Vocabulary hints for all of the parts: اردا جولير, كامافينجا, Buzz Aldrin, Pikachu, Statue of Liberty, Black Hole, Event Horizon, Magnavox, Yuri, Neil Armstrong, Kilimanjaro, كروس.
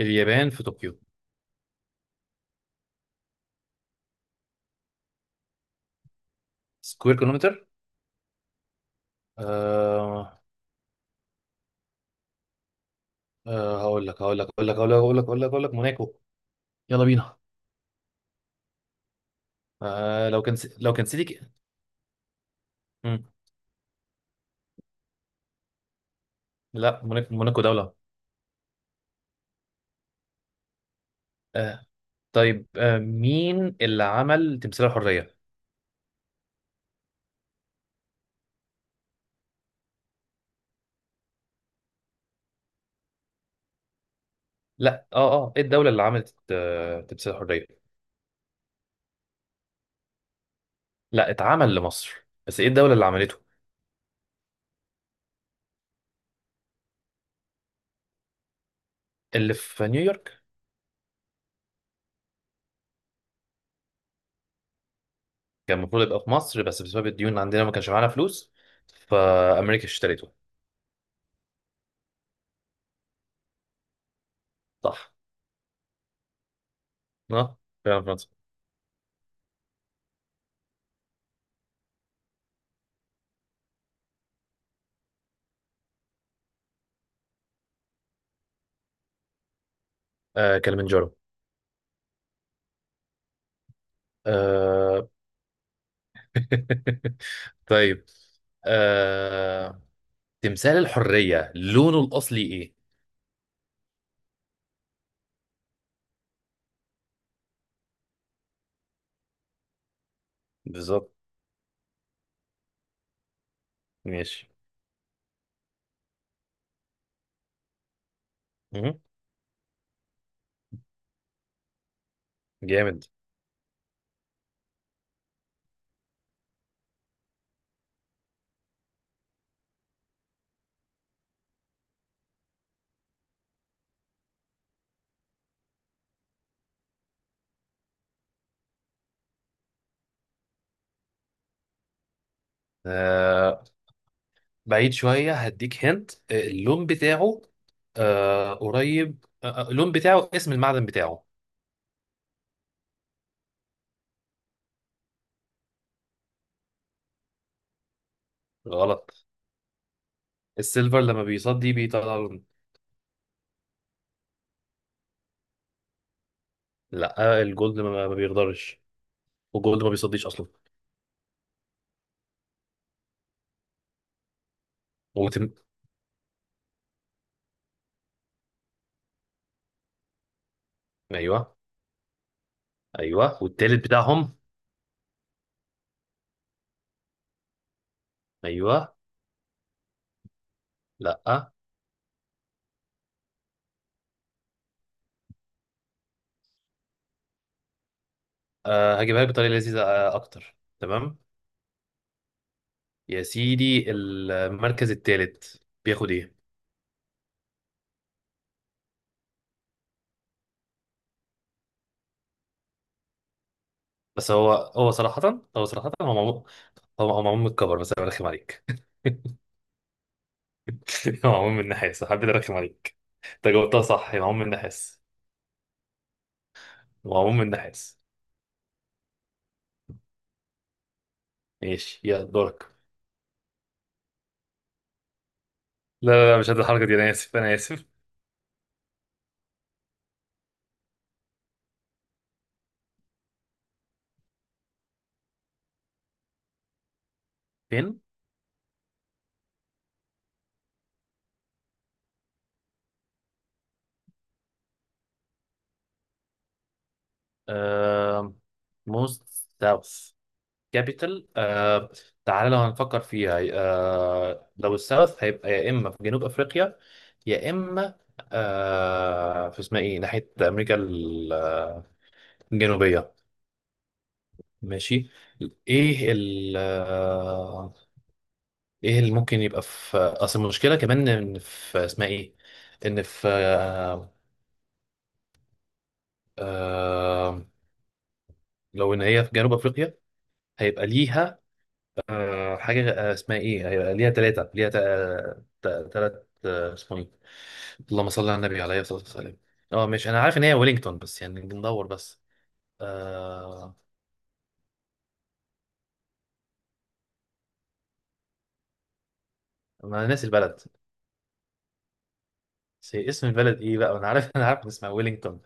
اليابان في طوكيو. سكوير كيلومتر. آه هقول لك هقول لك هقول لك هقول لك هقول لك هقول لك هقول لك موناكو يلا بينا. لو كان سيتي ك-. مم. لا، موناكو دولة. آه طيب، مين اللي عمل تمثال الحرية؟ لا، ايه الدولة اللي عملت تمثال الحرية؟ لا، اتعمل لمصر بس ايه الدولة اللي عملته؟ اللي في نيويورك. كان المفروض يبقى في مصر بس بسبب الديون عندنا ما كانش معانا فلوس، فأمريكا اشتريته. صح. اه، فعلا فرنسا. كلمنجارو. آه... طيب، آه... تمثال الحرية لونه الأصلي إيه؟ بالظبط. ماشي. مهم. جامد. آه... بعيد شوية، هديك، هنت، اللون بتاعه. قريب، اللون بتاعه، اسم المعدن بتاعه. غلط. السيلفر لما بيصدي بيطلع لون. لا، الجولد ما بيقدرش، والجولد ما بيصديش أصلا. وتم-. أيوه. أيوه، والتالت بتاعهم. أيوه. لا، أه، هجيبها لك بطريقة لذيذة أكتر. تمام. يا سيدي، المركز الثالث بياخد إيه؟ بس هو صراحة، هو معمول. هو معمول من الكفر، بس أنا برخم عليك. هو معمول من النحاس، حبيت أرخم عليك. أنت جاوبتها صح، هي معمول من النحاس. هو معمول من النحاس. ماشي، يا دورك. لا، مش قد الحركة دي، أنا آسف، أنا آسف. فين؟ آه... موست ساوث كابيتال، تعالى لو هنفكر فيها. لو الساوث هيبقى يا إما في جنوب أفريقيا، يا اما في اسمها ايه، ناحيه امريكا ال-، الجنوبيه. ماشي. ايه ال ايه اللي ممكن يبقى في اصل المشكله كمان ان في اسمها ايه، ان في آه لو ان هي في جنوب افريقيا هيبقى ليها حاجه، اسمها ايه، هيبقى ليها ثلاثه، ليها ثلاث، اسمه ايه. اللهم صل على النبي عليه الصلاه والسلام. اه، ماشي، انا عارف ان هي ويلينجتون بس يعني بندور بس، آه، ما انا ناسي البلد. بس هي اسم البلد ايه بقى، انا عارف إن اسمها ويلينغتون.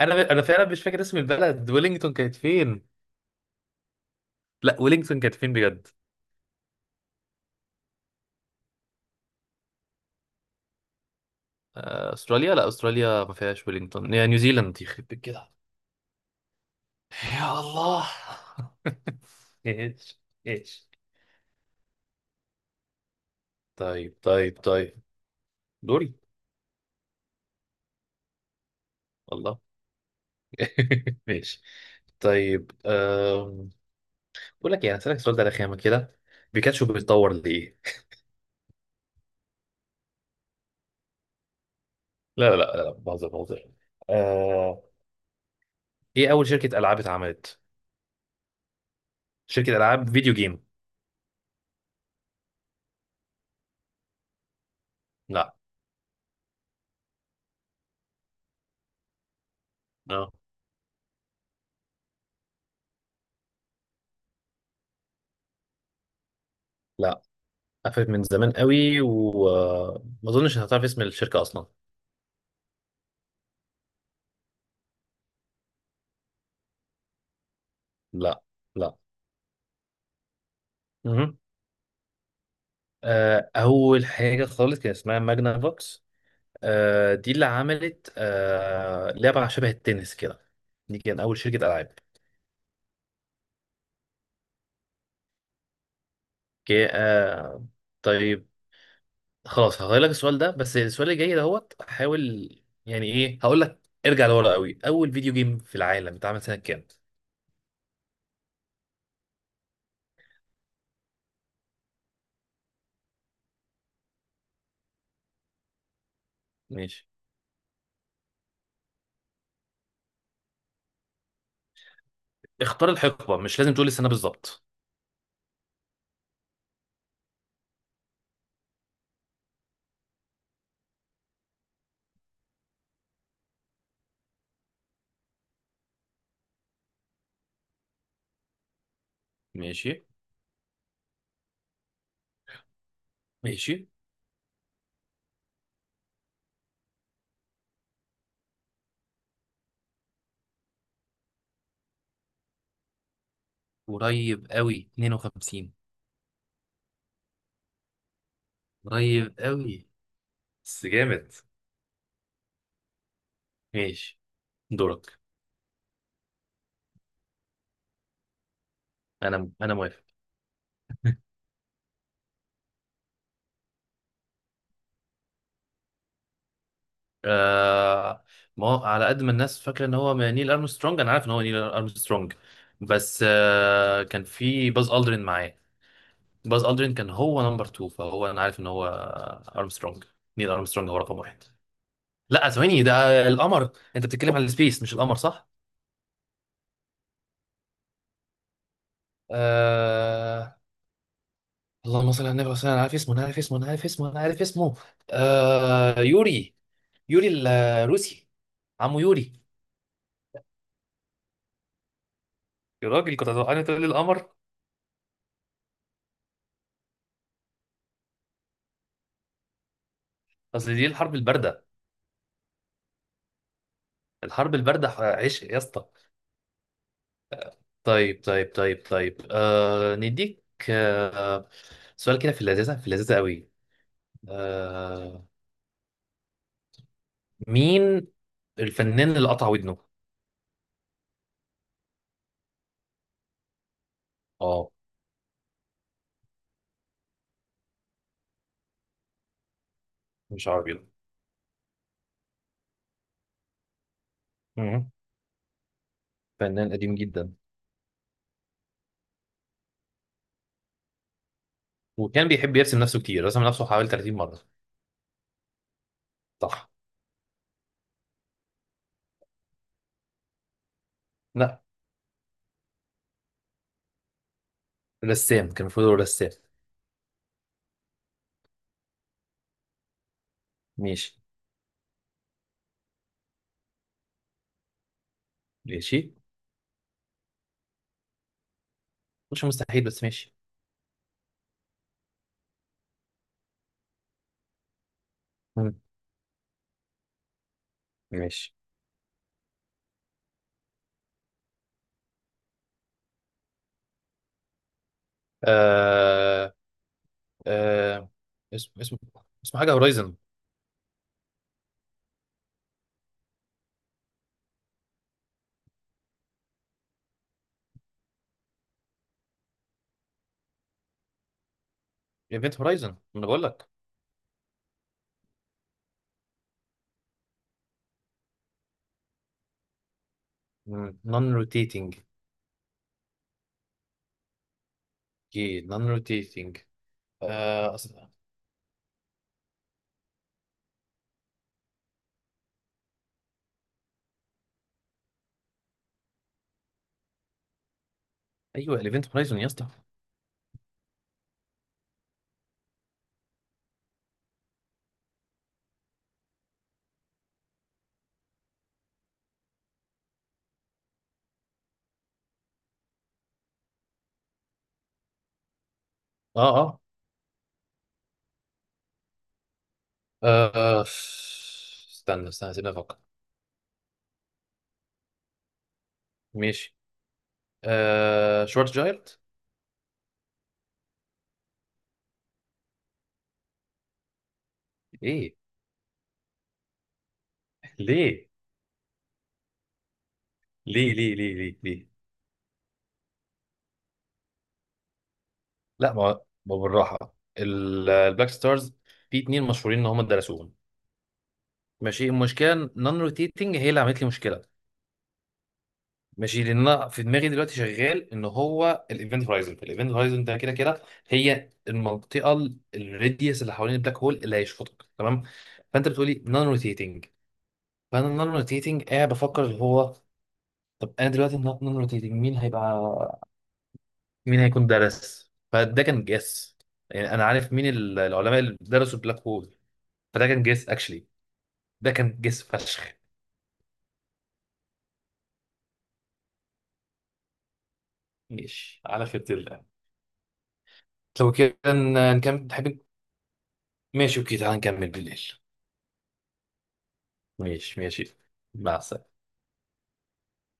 انا فعلا مش فاكر اسم البلد. ويلينغتون كانت فين؟ لا، ويلينغتون كانت فين بجد؟ استراليا. لا استراليا ما فيهاش ويلينغتون. يا نيوزيلاند، يخرب بيت كده. يا الله. ايش، ايش. طيب دوري. والله. ماشي. طيب، بقول لك يعني، اسالك السؤال ده على خامه كده. بيكاتشو بيتطور ليه؟ لا، بهزر، بهزر. آه... ايه اول شركه العاب اتعملت؟ شركة ألعاب فيديو جيم. لا. اه. لا. قفلت من زمان قوي وما أظنش هتعرف اسم الشركة أصلا. لا. لا. مهم. أول حاجة خالص كان اسمها ماجنا فوكس. دي اللي عملت لعبة شبه التنس كده. دي كان أول شركة ألعاب. اوكي، طيب، خلاص هغير لك السؤال ده، بس السؤال اللي جاي دوت، حاول، يعني إيه، هقول لك. ارجع لورا قوي، أول فيديو جيم في العالم اتعمل سنة كام؟ ماشي. اختار الحقبة، مش لازم تقول السنة بالظبط. ماشي. ماشي قريب قوي 52. قريب قوي. بس جامد. ماشي. دورك. انا موافق. آه. ما هو على قد ما الناس فاكرة ان هو نيل ارمسترونج، انا عارف ان هو نيل ارمسترونج، بس آه كان في باز الدرين معاه. باز الدرين كان هو نمبر 2، فهو انا عارف ان هو ارمسترونج. نيل ارمسترونج هو رقم واحد. لا، ثواني، ده القمر. انت بتتكلم على السبيس مش القمر، صح؟ آه. اللهم صل على النبي وسلم. انا عارف اسمه انا عارف اسمه انا عارف اسمه انا عارف اسمه. يوري. يوري الروسي. عمو يوري. يا راجل، كنت هتوقعني تقول لي القمر. اصل دي الحرب البارده. الحرب البارده ح-، عشق يا اسطى. طيب، نديك آه سؤال كده في اللذيذه، في اللذيذه قوي. آه مين الفنان اللي قطع ودنه؟ اه. مش عربي ده. مم. فنان قديم جدا. وكان بيحب يرسم نفسه كتير، رسم نفسه حوالي 30 مره. صح. لا، رسام، كان المفروض هو رسام. ماشي. ماشي. مش مستحيل، بس ماشي. مم. ماشي. آه. آه. اسم، اسمه حاجة هورايزن. ايفنت هورايزن، ما انا بقول لك. نون روتيتنج. جي نون روتيتنج. أصلا. ايوه الايفنت هورايزن يا اسطى. اه اه آه، استنى، استنى، سيبني افكر. ماشي. شورت جايرت. ايه؟ ليه؟ ليه ليه ليه ليه ليه لا، ما ما بالراحة، ال- البلاك ستارز، في اتنين مشهورين ان هم درسوهم. ماشي. المشكله النون روتيتنج هي اللي عملت لي مشكله. ماشي. لان انا في دماغي دلوقتي شغال ان هو الايفنت هورايزون. الايفنت هورايزون ده كده كده هي المنطقه، ال- الراديوس اللي حوالين البلاك هول اللي هيشفطك، تمام. فانت بتقولي نون روتيتنج، فانا نون روتيتنج قاعد بفكر اللي هو، طب انا دلوقتي نون روتيتنج مين هيبقى، مين هيكون درس، فده كان جس. يعني انا عارف مين ال- العلماء اللي درسوا البلاك هول، فده كان جس اكشلي. ده كان جس فشخ. ماشي على خير. لو كده ن- نكمل حابين. ماشي اوكي، تعالى نكمل بالليل. ماشي. ماشي، مع السلامة.